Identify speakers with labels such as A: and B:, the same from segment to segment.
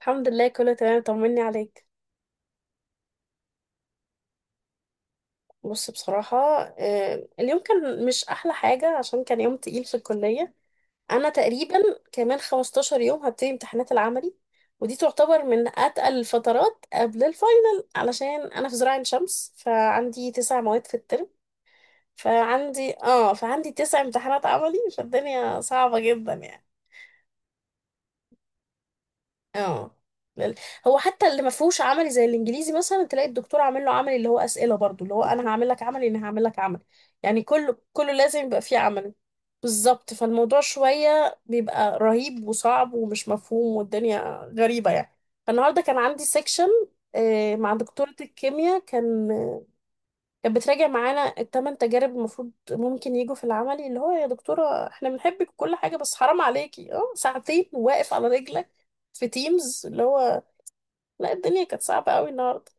A: الحمد لله كله تمام، طمني عليك. بص، بصراحة، اليوم كان مش أحلى حاجة عشان كان يوم تقيل في الكلية. أنا تقريبا كمان 15 يوم هبتدي امتحانات العملي، ودي تعتبر من أتقل الفترات قبل الفاينل علشان أنا في زراعة عين شمس، فعندي تسع مواد في الترم. فعندي تسع امتحانات عملي، فالدنيا صعبة جدا يعني. اه لل- هو حتى اللي ما فيهوش عملي زي الانجليزي مثلا تلاقي الدكتور عامل له عملي اللي هو اسئله، برضو اللي هو انا هعمل لك عملي، يعني كله لازم يبقى فيه عملي. بالظبط، فالموضوع شويه بيبقى رهيب وصعب ومش مفهوم والدنيا غريبه يعني. فالنهارده كان عندي سيكشن مع دكتوره الكيمياء، كانت بتراجع معانا التمن تجارب المفروض ممكن يجوا في العملي، اللي هو يا دكتورة احنا بنحبك وكل حاجة بس حرام عليكي، ساعتين واقف على رجلك في تيمز اللي هو. لا، الدنيا كانت صعبة قوي النهاردة.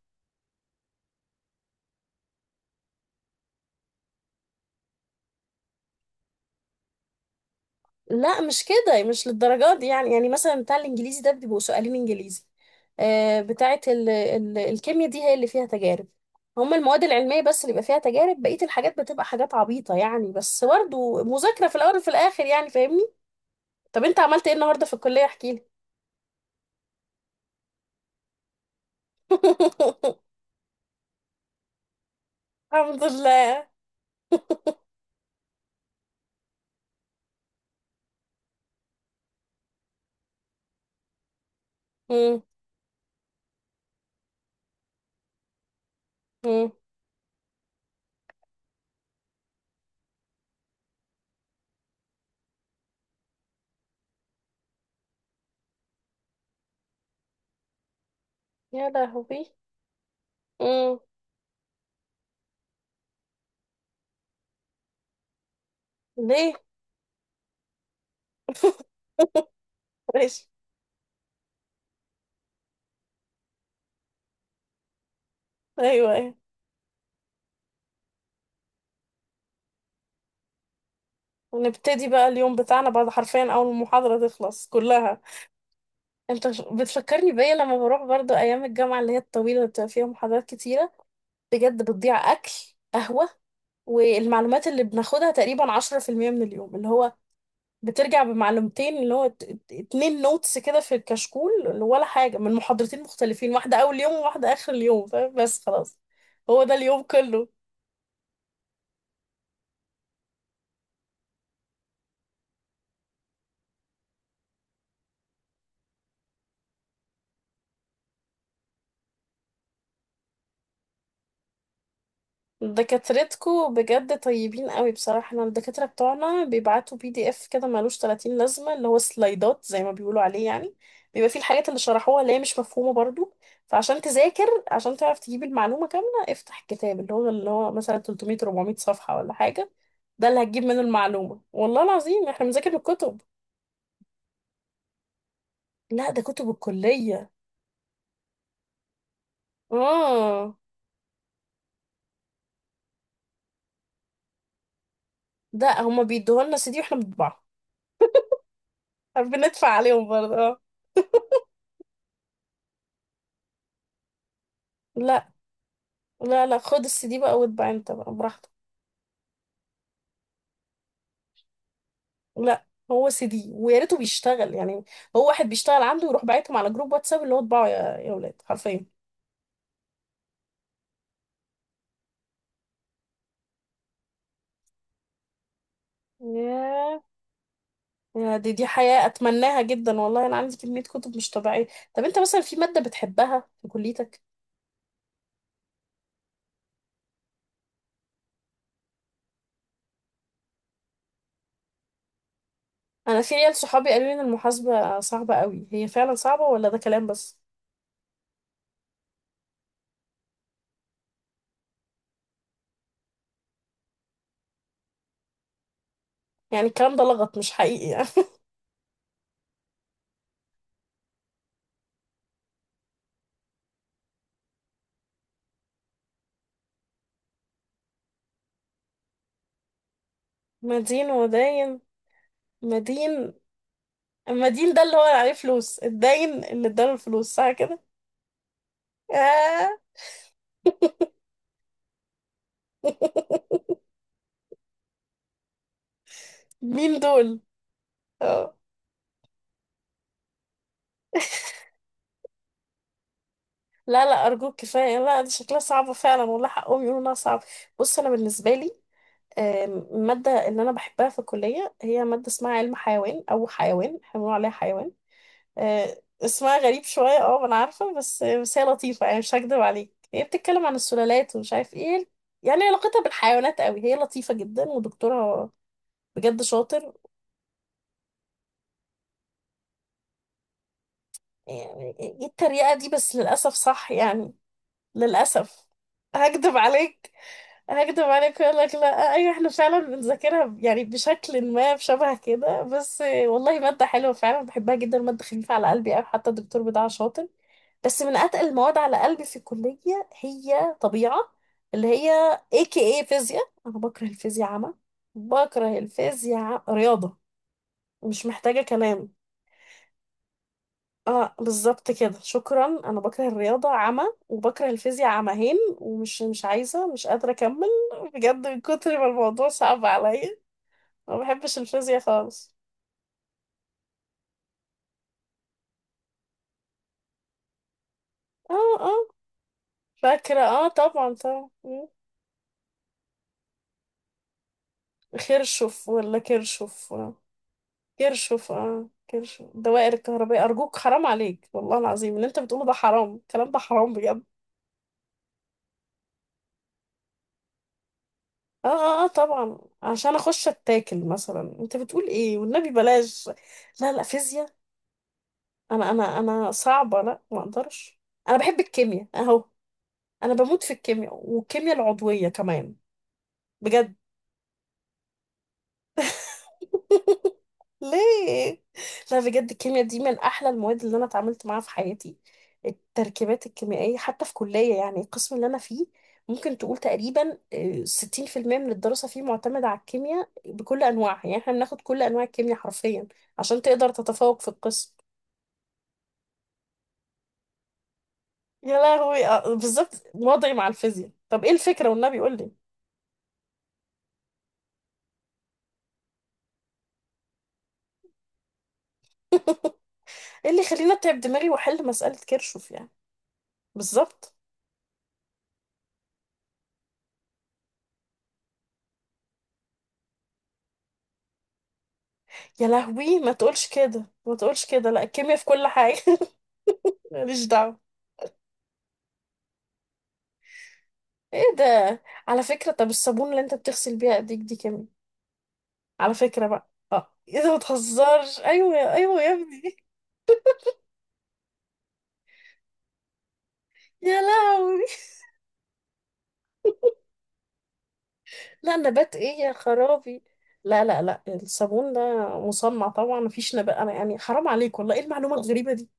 A: لا مش كده، مش للدرجات دي يعني، يعني مثلا بتاع الانجليزي ده بيبقوا سؤالين انجليزي. بتاعة ال الكيمياء دي هي اللي فيها تجارب. هما المواد العلمية بس اللي بيبقى فيها تجارب، بقية الحاجات بتبقى حاجات عبيطة يعني، بس برضه مذاكرة في الأول وفي الآخر يعني، فاهمني؟ طب انت عملت ايه النهاردة في الكلية؟ احكيلي. الحمد لله. مم. مم. يا لهوي. مم. ليه؟ ماشي. ايوه ايوه. ونبتدي بقى اليوم بتاعنا بعد حرفيا اول المحاضره تخلص كلها. بتفكرني بيا لما بروح برضو ايام الجامعه اللي هي الطويله اللي بتبقى فيها محاضرات كتيره، بجد بتضيع اكل، قهوه. والمعلومات اللي بناخدها تقريبا 10% من اليوم، اللي هو بترجع بمعلومتين اللي هو اتنين نوتس كده في الكشكول، ولا حاجة من محاضرتين مختلفين، واحدة أول يوم وواحدة آخر اليوم. فاهم؟ بس خلاص، هو ده اليوم كله. دكاترتكو بجد طيبين قوي، بصراحة احنا الدكاترة بتوعنا بيبعتوا بي دي اف كده ملوش 30 لازمة، اللي هو سلايدات زي ما بيقولوا عليه يعني. بيبقى فيه الحاجات اللي شرحوها اللي هي مش مفهومة برضو. فعشان تذاكر، عشان تعرف تجيب المعلومة كاملة، افتح الكتاب اللي هو مثلا 300 400 صفحة ولا حاجة. ده اللي هتجيب منه المعلومة، والله العظيم احنا بنذاكر الكتب. لا ده كتب الكلية. اه، ده هما بيدوها لنا سي دي واحنا بنطبعها. بندفع عليهم برضه اه. لا لا، خد السي دي بقى واتبع انت بقى براحتك. لا هو سي دي ويا ريته بيشتغل يعني. هو واحد بيشتغل عنده يروح باعتهم على جروب واتساب، اللي هو اتباعوا يا ولاد حرفيا. ياه، يا دي دي حياة اتمناها جدا والله، انا عندي كمية كتب مش طبيعية. طب انت مثلا في مادة بتحبها في كليتك؟ انا في عيال صحابي قالوا لي ان المحاسبة صعبة قوي، هي فعلا صعبة ولا ده كلام بس؟ يعني الكلام ده لغط مش حقيقي يعني؟ مدين وداين. مدين. المدين ده اللي هو عليه فلوس، الداين اللي اداله الفلوس، صح كده؟ مين دول؟ اه. لا لا أرجوك كفاية، لا دي شكلها صعبة فعلا، والله حقهم يقولوا إنها صعبة. بص أنا بالنسبة لي، المادة اللي أنا بحبها في الكلية هي مادة اسمها علم حيوان، أو حيوان احنا بنقول عليها حيوان. اسمها غريب شوية اه أنا عارفة، بس هي لطيفة يعني، مش هكدب عليك هي بتتكلم عن السلالات ومش عارف ايه، يعني علاقتها بالحيوانات قوي. هي لطيفة جدا ودكتورها بجد شاطر، يعني ايه التريقة دي بس للأسف صح يعني. للأسف. هكدب عليك؟ هكدب عليك وأقول لك لا أيوة احنا فعلا بنذاكرها يعني بشكل ما بشبه كده، بس والله مادة حلوة فعلا بحبها جدا، مادة خفيفة على قلبي أوي، حتى الدكتور بتاعها شاطر. بس من أتقل المواد على قلبي في الكلية هي طبيعة، اللي هي AKA فيزياء. أنا بكره الفيزياء عامة. بكره الفيزياء، رياضة مش محتاجة كلام. اه بالظبط كده، شكرا. انا بكره الرياضه عمى وبكره الفيزياء عمهين، ومش مش عايزه، مش قادره اكمل، بجد من كتر ما الموضوع صعب عليا. ما بحبش الفيزياء خالص. اه اه فاكره، اه طبعا طبعا. مم. خرشف ولا كرشف؟ كرشف، اه كرشف الدوائر الكهربائيه. ارجوك حرام عليك والله العظيم، اللي انت بتقوله ده حرام، الكلام ده حرام بجد. اه اه اه طبعا، عشان اخش اتاكل مثلا، انت بتقول ايه؟ والنبي بلاش. لا لا فيزياء، انا صعبه، لا ما اقدرش. انا بحب الكيمياء اهو، انا بموت في الكيمياء والكيمياء العضويه كمان. بجد؟ ليه؟ لا بجد الكيمياء دي من احلى المواد اللي انا اتعاملت معاها في حياتي، التركيبات الكيميائيه. حتى في كليه، يعني القسم اللي انا فيه ممكن تقول تقريبا 60% من الدراسه فيه معتمده على الكيمياء بكل انواعها. يعني احنا بناخد كل انواع الكيمياء حرفيا عشان تقدر تتفوق في القسم. يا لهوي. بالظبط وضعي مع الفيزياء. طب ايه الفكرة؟ والنبي قول لي. ايه اللي يخليني اتعب دماغي واحل مسألة كيرشوف يعني؟ بالظبط. يا لهوي ما تقولش كده، لا الكيمياء في كل حاجة. ماليش دعوة. ايه ده؟ على فكرة، طب الصابون اللي انت بتغسل بيها ايديك دي كيمياء على فكرة بقى، اه ايه ده ما تهزرش، ايوه ايوه يا ابني. يا لهوي، لا نبات ايه يا خرابي؟ لا الصابون ده مصنع طبعا، مفيش نبات، انا يعني حرام عليك والله، ايه المعلومة الغريبة دي؟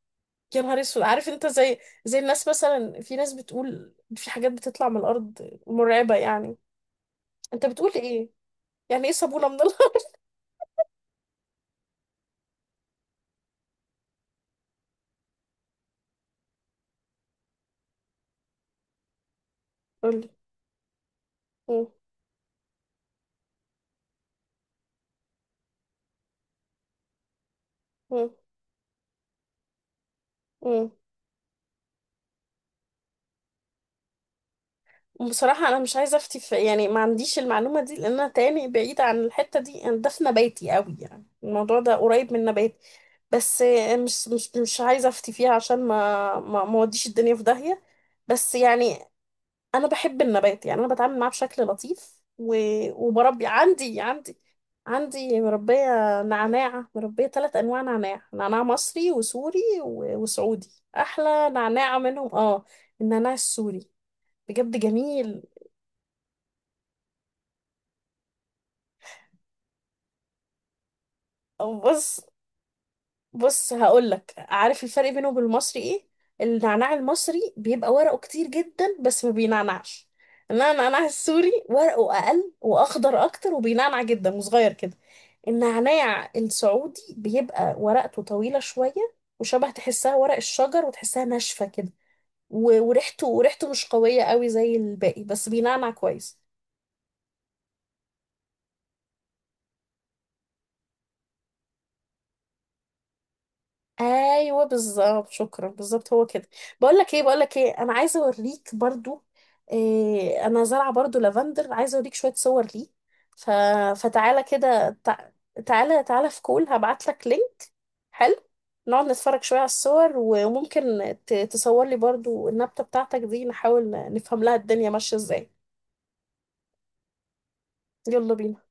A: يا نهار اسود. عارف انت، زي الناس مثلا، في ناس بتقول في حاجات بتطلع من الارض مرعبه يعني. انت بتقول ايه؟ يعني ايه صابونه من الارض؟ قولي. مم. مم. مم. بصراحه انا مش عايزه افتي في، يعني ما عنديش المعلومه دي، لان انا تاني بعيده عن الحته دي، انا ده في نباتي قوي يعني، الموضوع ده قريب من نباتي بس. مش عايزه افتي فيها عشان ما اوديش الدنيا في داهيه. بس يعني انا بحب النبات يعني، انا بتعامل معاه بشكل لطيف و... وبربي. عندي مربيه نعناع، مربيه ثلاث انواع نعناع، نعناع مصري وسوري و... وسعودي. احلى نعناع منهم اه النعناع السوري، بجد جميل. أو بص، بص هقولك. عارف الفرق بينه وبين المصري ايه؟ النعناع المصري بيبقى ورقه كتير جدا بس ما بينعنعش. انما النعناع السوري ورقه اقل واخضر اكتر، وبينعنع جدا وصغير كده. النعناع السعودي بيبقى ورقته طويله شويه، وشبه تحسها ورق الشجر، وتحسها ناشفه كده. وريحته مش قويه قوي زي الباقي بس بينعنع كويس. ايوه بالظبط شكرا، بالظبط هو كده. بقول لك ايه انا عايزه اوريك برضو إيه، انا زارعه برضو لافندر، عايزه اوريك شويه صور ليه. ف... فتعالى كده، تعالى تعالى في كول، هبعت لك لينك. حلو. نقعد نتفرج شويه على الصور، وممكن تصور لي برضو النبته بتاعتك دي، نحاول نفهم لها الدنيا ماشيه ازاي. يلا بينا.